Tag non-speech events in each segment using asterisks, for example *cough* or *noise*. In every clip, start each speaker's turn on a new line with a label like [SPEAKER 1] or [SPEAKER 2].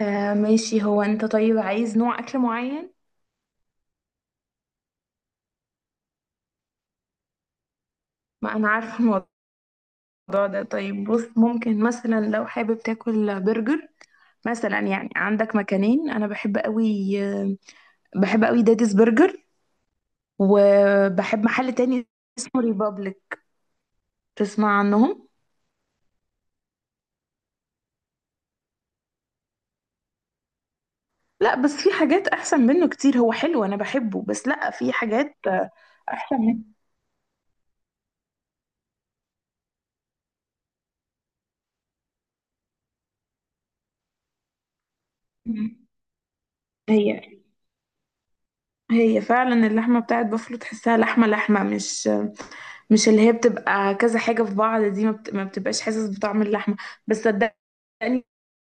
[SPEAKER 1] آه، ماشي. هو انت طيب عايز نوع اكل معين؟ ما انا عارفه الموضوع ده. طيب، بص، ممكن مثلا لو حابب تاكل برجر، مثلا يعني عندك مكانين. انا بحب قوي، داديز برجر. وبحب محل تاني اسمه ريبابليك. تسمع عنهم؟ لا بس في حاجات احسن منه كتير، هو حلو انا بحبه بس لا، في حاجات احسن منه. هي هي فعلا اللحمه بتاعت بافلو، تحسها لحمه لحمه، مش اللي هي بتبقى كذا حاجة في بعض، دي ما بتبقاش حاسس بطعم اللحمة. بس صدقني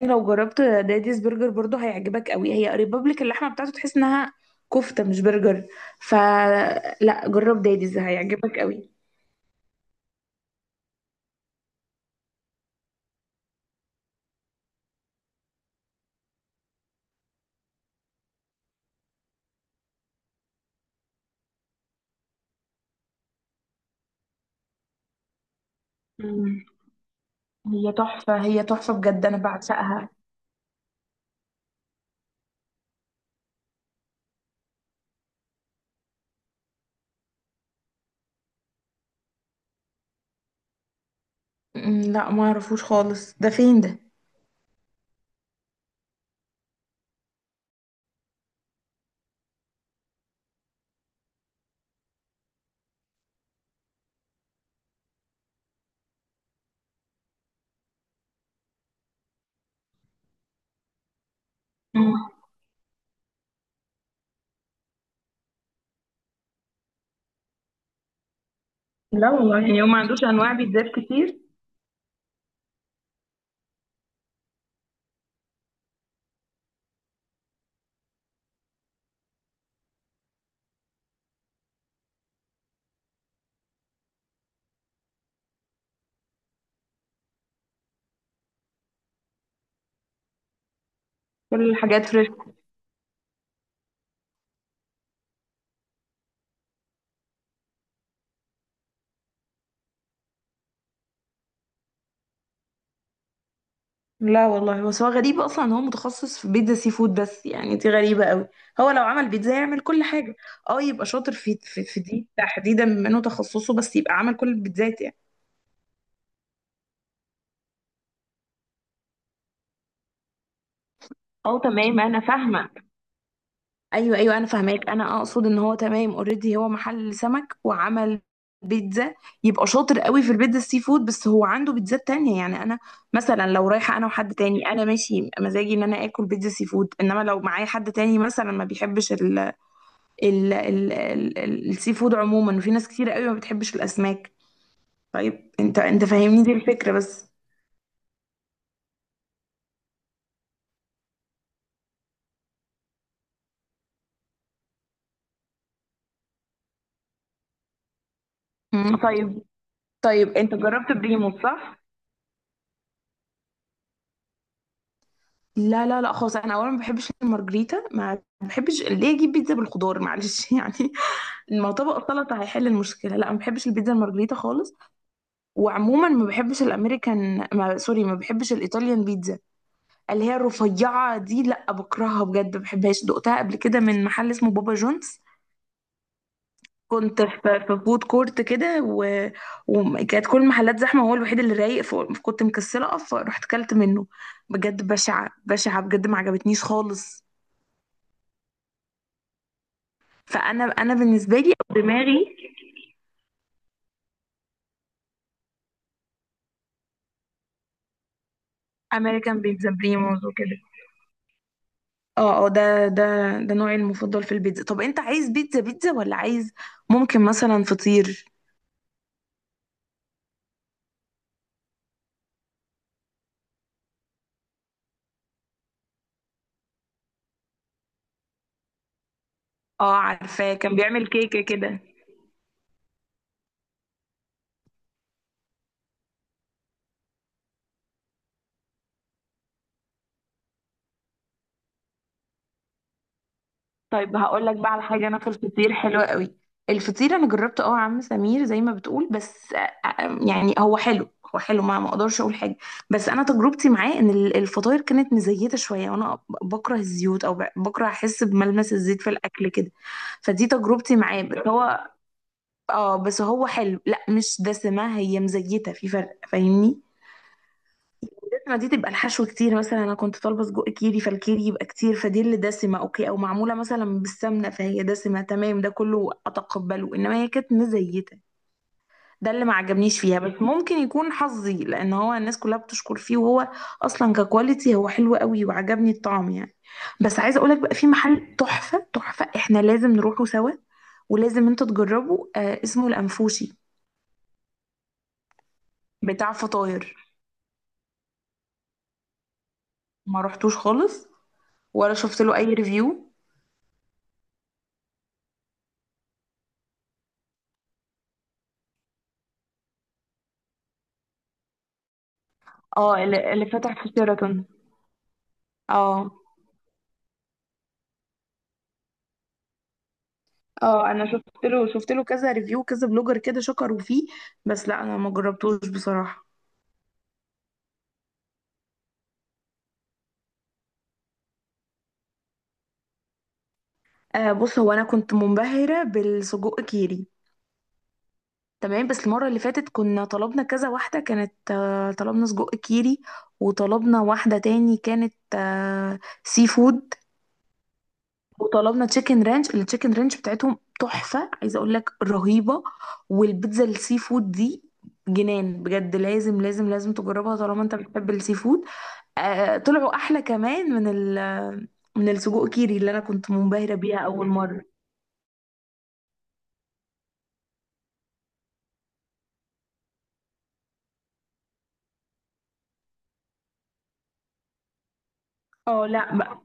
[SPEAKER 1] لو جربت داديز برجر برضو هيعجبك قوي، هي قريبة لك، اللحمة بتاعته تحس انها كفتة مش برجر. فلا جرب داديز هيعجبك قوي. مم. هي تحفة، هي تحفة بجد، انا بعشقها. لا ما اعرفوش خالص، ده فين ده؟ مم. لا والله، يعني هو ما عندوش انواع بيتزات كتير. كل الحاجات فريش. لا والله، بس هو غريب اصلا ان هو متخصص في بيتزا سي فود بس، يعني دي غريبه قوي. هو لو عمل بيتزا يعمل كل حاجه. اه، يبقى شاطر في دي تحديدا، بما انه تخصصه، بس يبقى عمل كل البيتزات يعني. اه تمام، انا فاهمه. ايوه ايوه، انا فاهماك. انا اقصد ان هو تمام، اوريدي هو محل سمك وعمل بيتزا، يبقى شاطر قوي في البيتزا السي فود، بس هو عنده بيتزات تانية يعني. انا مثلا لو رايحه انا وحد تاني، انا ماشي مزاجي ان انا اكل بيتزا سي فود، انما لو معايا حد تاني مثلا ما بيحبش السي فود عموما، وفي ناس كتير قوي ما بتحبش الاسماك. طيب انت فاهمني دي الفكره بس. مم. طيب. طيب انت جربت بريمو، صح؟ لا لا لا خالص، انا اولا ما بحبش المارجريتا، ما بحبش ليه اجيب بيتزا بالخضار، معلش *laughs* يعني، ما طبق السلطه هيحل المشكله. لا ما بحبش البيتزا المارجريتا خالص، وعموما ما بحبش الامريكان، ما سوري، ما بحبش الايطاليان بيتزا اللي هي الرفيعه دي، لا بكرهها بجد ما بحبهاش، دقتها قبل كده من محل اسمه بابا جونز. كنت في فود كورت كده، وكانت كل المحلات زحمه، هو الوحيد اللي رايق، فكنت مكسله اقف، رحت كلت منه، بجد بشعه بشعه بجد، ما عجبتنيش خالص. فانا بالنسبه لي أو دماغي امريكان بيتزا، بريموز وكده. اه اه، ده نوعي المفضل في البيتزا. طب انت عايز بيتزا بيتزا ولا عايز، ممكن مثلا فطير. اه عارفاه، كان بيعمل كيكه كده. طيب هقول لك بقى على حاجه، انا في الفطير حلوه قوي، الفطير انا جربته اه يا عم سمير زي ما بتقول، بس يعني هو حلو، هو حلو، ما اقدرش اقول حاجه، بس انا تجربتي معاه ان الفطاير كانت مزيته شويه، وانا بكره الزيوت، او بكره احس بملمس الزيت في الاكل كده. فدي تجربتي معاه، بس هو حلو، لا مش دسمه، هي مزيته، في فرق فاهمني، دي تبقى الحشو كتير، مثلا انا كنت طالبه سجق كيري، فالكيري يبقى كتير، فدي اللي دسمه اوكي، او معموله مثلا بالسمنه، فهي دسمه تمام ده كله اتقبله، انما هي كانت مزيته، ده اللي ما عجبنيش فيها. بس ممكن يكون حظي، لان هو الناس كلها بتشكر فيه، وهو اصلا ككواليتي هو حلو قوي وعجبني الطعم يعني. بس عايزه اقولك بقى، في محل تحفه تحفه، احنا لازم نروحه سوا، ولازم انت تجربه، اسمه الانفوشي، بتاع فطاير. ما رحتوش خالص، ولا شفت له اي ريفيو. اه اللي فتح في شيراتون. اه اه، انا شفت له كذا ريفيو، كذا بلوجر كده شكروا فيه، بس لا انا ما جربتوش بصراحة. آه بص، هو انا كنت منبهرة بالسجق كيري، تمام، بس المرة اللي فاتت كنا طلبنا كذا واحدة، كانت طلبنا سجق كيري، وطلبنا واحدة تاني كانت سي فود، وطلبنا تشيكن رانش، التشيكن رانش بتاعتهم تحفة، عايزة اقول لك رهيبة، والبيتزا السي فود دي جنان بجد، لازم لازم لازم تجربها طالما انت بتحب السي فود. طلعوا احلى كمان من ال من السجق كيري اللي انا كنت منبهرة بيها اول مرة. اه لا بقى،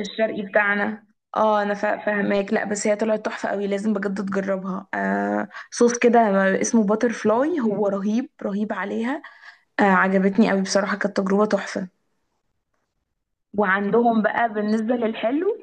[SPEAKER 1] الشرقي بتاعنا. اه انا فاهماك، لا بس هي طلعت تحفة قوي، لازم بجد تجربها، صوص كده اسمه باتر فلاي هو رهيب رهيب عليها. عجبتني قوي بصراحة، كانت تجربة تحفة. وعندهم بقى بالنسبة للحلو.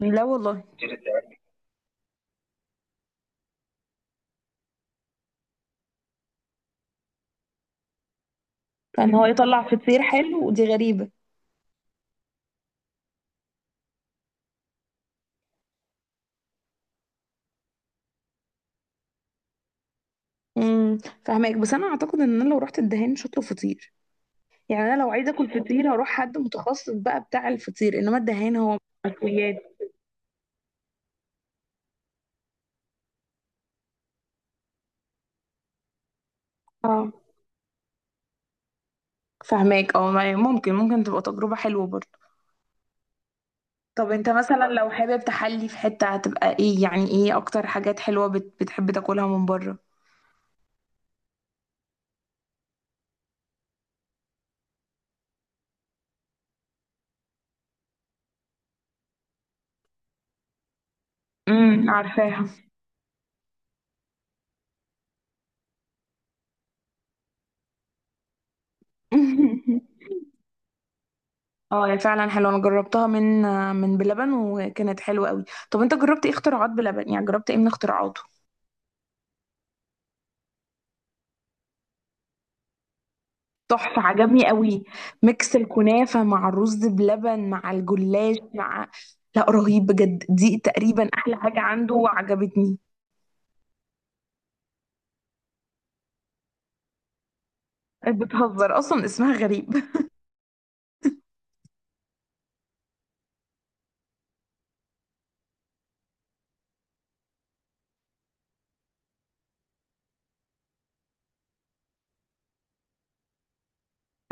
[SPEAKER 1] لا والله، فان هو يطلع فطير حلو ودي غريبة. امم. فاهمك، بس انا اعتقد ان انا لو رحت الدهان مش هطلب فطير، يعني انا لو عايزة اكل فطير هروح حد متخصص بقى بتاع الفطير، انما الدهان هو مشويات. اه فاهماك اه، ممكن تبقى تجربة حلوة برضه. طب انت مثلا لو حابب تحلي في حتة هتبقى ايه، يعني ايه اكتر حاجات حلوة بتحب تاكلها من بره؟ عارفاها *laughs* اه هي فعلا حلوه، انا جربتها من بلبن وكانت حلوه قوي. طب انت جربت ايه اختراعات بلبن، يعني جربت ايه من اختراعاته؟ تحفه عجبني قوي، ميكس الكنافه مع الرز بلبن مع الجلاش مع، لا رهيب بجد، دي تقريبا احلى حاجه عنده وعجبتني. بتهزر اصلا اسمها غريب *laughs*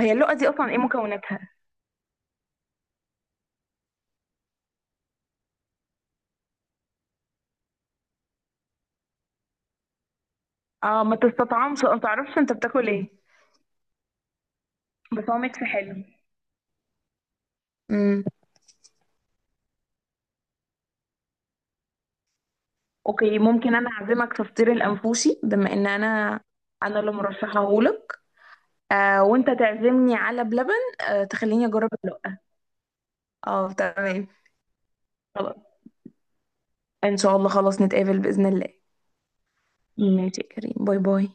[SPEAKER 1] هي اللقه دي اصلا ايه مكوناتها؟ اه ما تستطعمش ما تعرفش انت بتاكل ايه. بس هو ميكس حلو. امم. اوكي، ممكن انا اعزمك في فطير الانفوشي، بما ان انا اللي مرشحه، وانت تعزمني على بلبن، تخليني اجرب اللقة. اه تمام. خلاص ان شاء الله، خلاص نتقابل بإذن الله. ماشي يا كريم، باي باي.